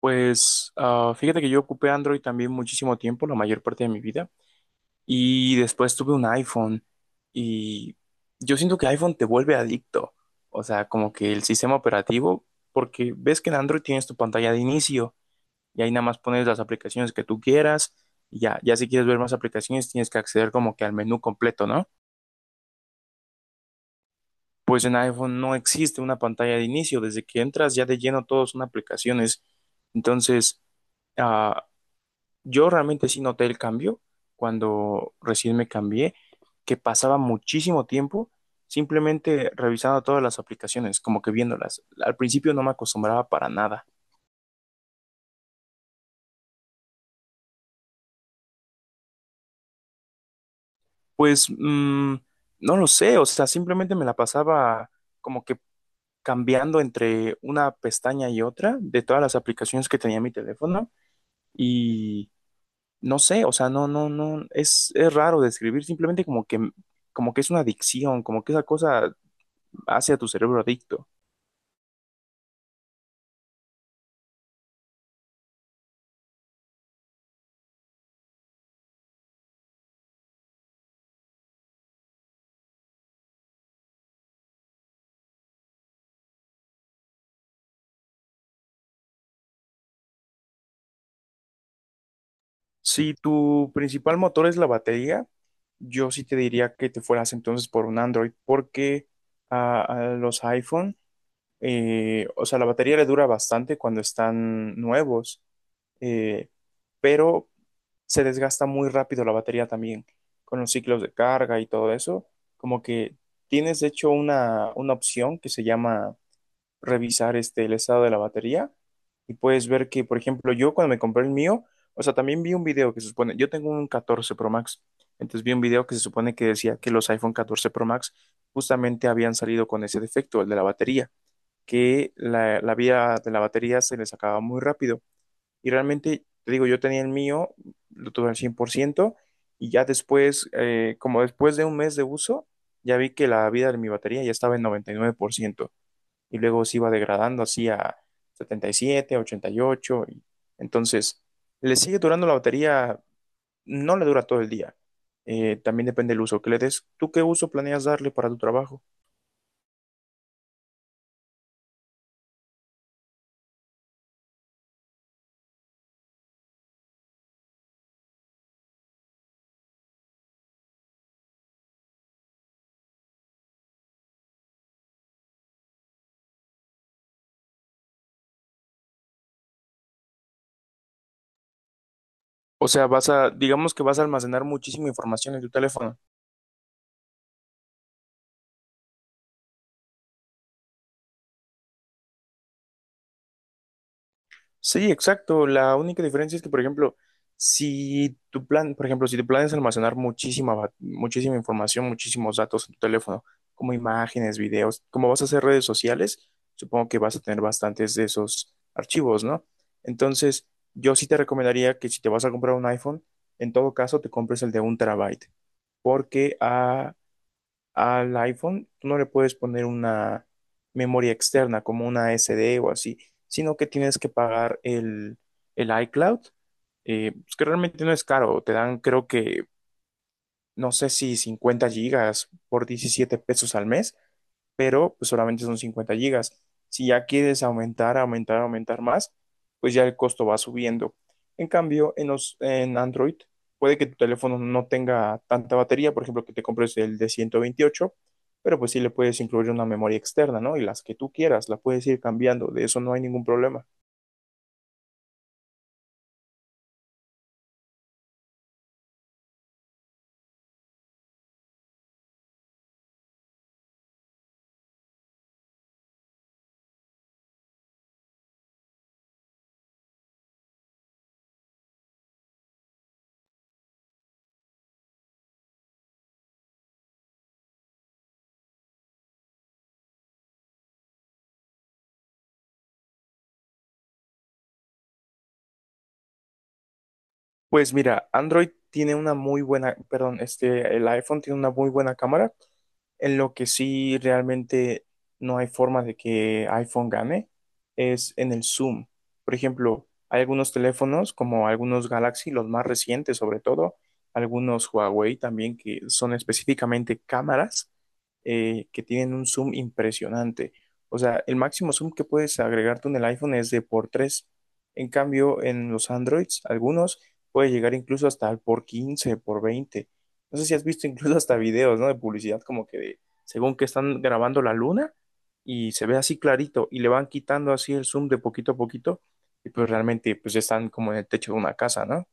Pues fíjate que yo ocupé Android también muchísimo tiempo, la mayor parte de mi vida, y después tuve un iPhone y yo siento que iPhone te vuelve adicto, o sea, como que el sistema operativo, porque ves que en Android tienes tu pantalla de inicio y ahí nada más pones las aplicaciones que tú quieras, y ya, ya si quieres ver más aplicaciones tienes que acceder como que al menú completo, ¿no? Pues en iPhone no existe una pantalla de inicio, desde que entras ya de lleno todos son aplicaciones, entonces... Ah, Yo realmente sí noté el cambio cuando recién me cambié, que pasaba muchísimo tiempo simplemente revisando todas las aplicaciones, como que viéndolas. Al principio no me acostumbraba para nada. Pues no lo sé, o sea, simplemente me la pasaba como que cambiando entre una pestaña y otra de todas las aplicaciones que tenía mi teléfono y no sé, o sea, no, no, no, es raro describir, simplemente como que es una adicción, como que esa cosa hace a tu cerebro adicto. Si tu principal motor es la batería, yo sí te diría que te fueras entonces por un Android, porque a los iPhone, o sea, la batería le dura bastante cuando están nuevos, eh, pero se desgasta muy rápido la batería también, con los ciclos de carga y todo eso. Como que tienes, de hecho, una opción que se llama revisar el estado de la batería y puedes ver que, por ejemplo, yo cuando me compré el mío, o sea, también vi un video que se supone, yo tengo un 14 Pro Max, entonces vi un video que se supone que decía que los iPhone 14 Pro Max justamente habían salido con ese defecto, el de la batería, que la vida de la batería se les acababa muy rápido. Y realmente, te digo, yo tenía el mío, lo tuve al 100% y ya después, como después de un mes de uso, ya vi que la vida de mi batería ya estaba en 99% y luego se iba degradando así a 77, 88. Y, ocho, y entonces, le sigue durando la batería, no le dura todo el día. También depende del uso que le des. ¿Tú qué uso planeas darle para tu trabajo? O sea, vas a, digamos que vas a almacenar muchísima información en tu teléfono. Sí, exacto. La única diferencia es que, por ejemplo, si tu plan, por ejemplo, si tu plan es almacenar muchísima, muchísima información, muchísimos datos en tu teléfono, como imágenes, videos, como vas a hacer redes sociales, supongo que vas a tener bastantes de esos archivos, ¿no? Entonces, yo sí te recomendaría que si te vas a comprar un iPhone, en todo caso te compres el de un terabyte, porque al iPhone tú no le puedes poner una memoria externa como una SD o así, sino que tienes que pagar el iCloud, pues que realmente no es caro. Te dan, creo que, no sé si 50 gigas por 17 pesos al mes pero pues solamente son 50 gigas. Si ya quieres aumentar, aumentar, aumentar más, pues ya el costo va subiendo. En cambio, en Android, puede que tu teléfono no tenga tanta batería, por ejemplo, que te compres el de 128, pero pues sí le puedes incluir una memoria externa, ¿no? Y las que tú quieras, la puedes ir cambiando, de eso no hay ningún problema. Pues mira, Android tiene una muy buena, perdón, el iPhone tiene una muy buena cámara, en lo que sí realmente no hay forma de que iPhone gane, es en el zoom. Por ejemplo, hay algunos teléfonos, como algunos Galaxy, los más recientes sobre todo, algunos Huawei también, que son específicamente cámaras que tienen un zoom impresionante. O sea, el máximo zoom que puedes agregar tú en el iPhone es de por 3. En cambio, en los Androids, algunos puede llegar incluso hasta al por 15 por veinte. No sé si has visto incluso hasta videos, ¿no? De publicidad como que de, según que están grabando la luna y se ve así clarito y le van quitando así el zoom de poquito a poquito y pues realmente pues ya están como en el techo de una casa, ¿no?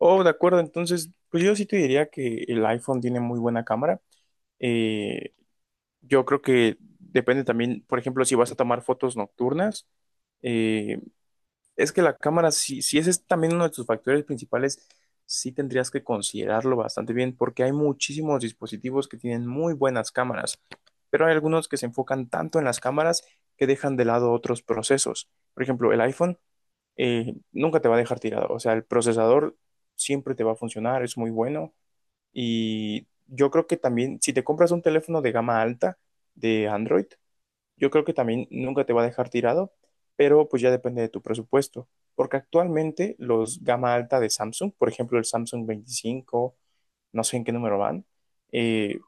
Oh, de acuerdo, entonces pues yo sí te diría que el iPhone tiene muy buena cámara. Eh, yo creo que depende también, por ejemplo, si vas a tomar fotos nocturnas. eh, Es que la cámara, si ese es también uno de tus factores principales, sí tendrías que considerarlo bastante bien, porque hay muchísimos dispositivos que tienen muy buenas cámaras, pero hay algunos que se enfocan tanto en las cámaras que dejan de lado otros procesos. Por ejemplo, el iPhone nunca te va a dejar tirado, o sea, el procesador siempre te va a funcionar, es muy bueno, y yo creo que también si te compras un teléfono de gama alta de Android, yo creo que también nunca te va a dejar tirado, pero pues ya depende de tu presupuesto, porque actualmente los gama alta de Samsung, por ejemplo el Samsung 25, no sé en qué número van, eh,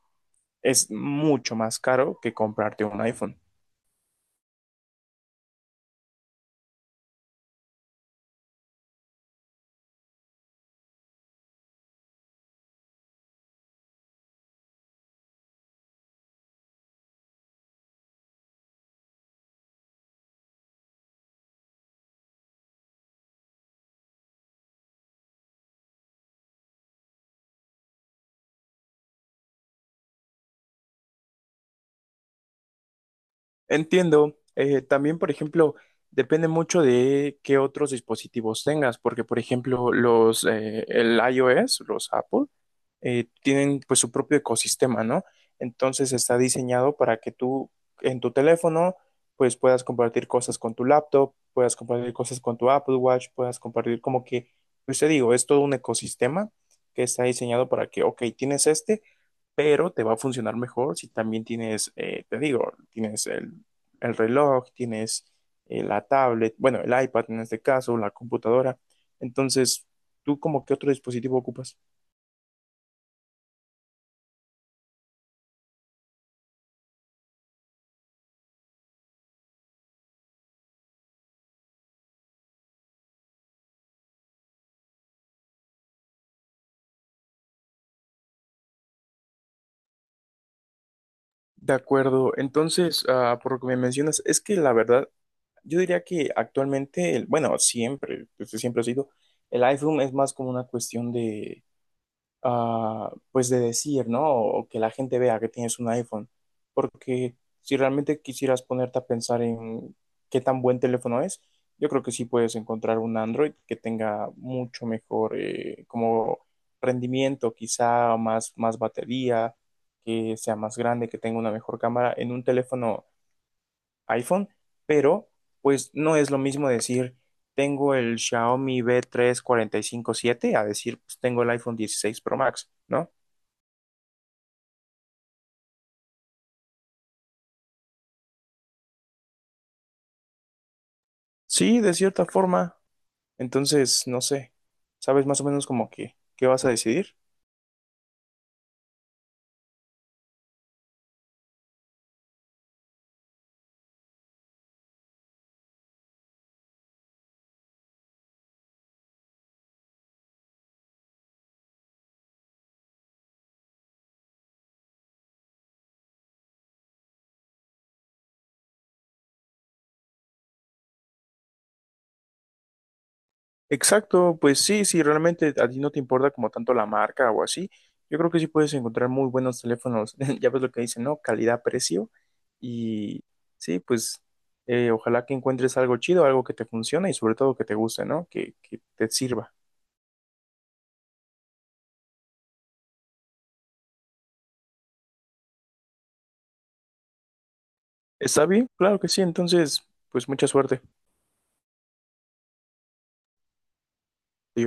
es mucho más caro que comprarte un iPhone. Entiendo. También, por ejemplo, depende mucho de qué otros dispositivos tengas, porque, por ejemplo, el iOS, los Apple, tienen pues su propio ecosistema, ¿no? Entonces está diseñado para que tú en tu teléfono pues puedas compartir cosas con tu laptop, puedas compartir cosas con tu Apple Watch, puedas compartir como que, pues te digo, es todo un ecosistema que está diseñado para que, ok, tienes este, pero te va a funcionar mejor si también tienes, te digo, tienes el reloj, tienes la tablet, bueno, el iPad en este caso, la computadora. Entonces, ¿tú como qué otro dispositivo ocupas? De acuerdo, entonces, por lo que me mencionas, es que la verdad, yo diría que actualmente, bueno, siempre, desde siempre ha sido, el iPhone es más como una cuestión pues de decir, ¿no? O que la gente vea que tienes un iPhone. Porque si realmente quisieras ponerte a pensar en qué tan buen teléfono es, yo creo que sí puedes encontrar un Android que tenga mucho mejor como rendimiento, quizá más batería, que sea más grande, que tenga una mejor cámara en un teléfono iPhone, pero pues no es lo mismo decir tengo el Xiaomi B3457 a decir, pues tengo el iPhone 16 Pro Max, ¿no? Sí, de cierta forma. Entonces, no sé, ¿sabes más o menos como que qué vas a decidir? Exacto, pues sí, si realmente a ti no te importa como tanto la marca o así, yo creo que sí puedes encontrar muy buenos teléfonos. Ya ves lo que dicen, ¿no? Calidad-precio. Y sí, pues ojalá que encuentres algo chido, algo que te funcione y sobre todo que te guste, ¿no? Que te sirva. ¿Está bien? Claro que sí. Entonces, pues mucha suerte. Adiós.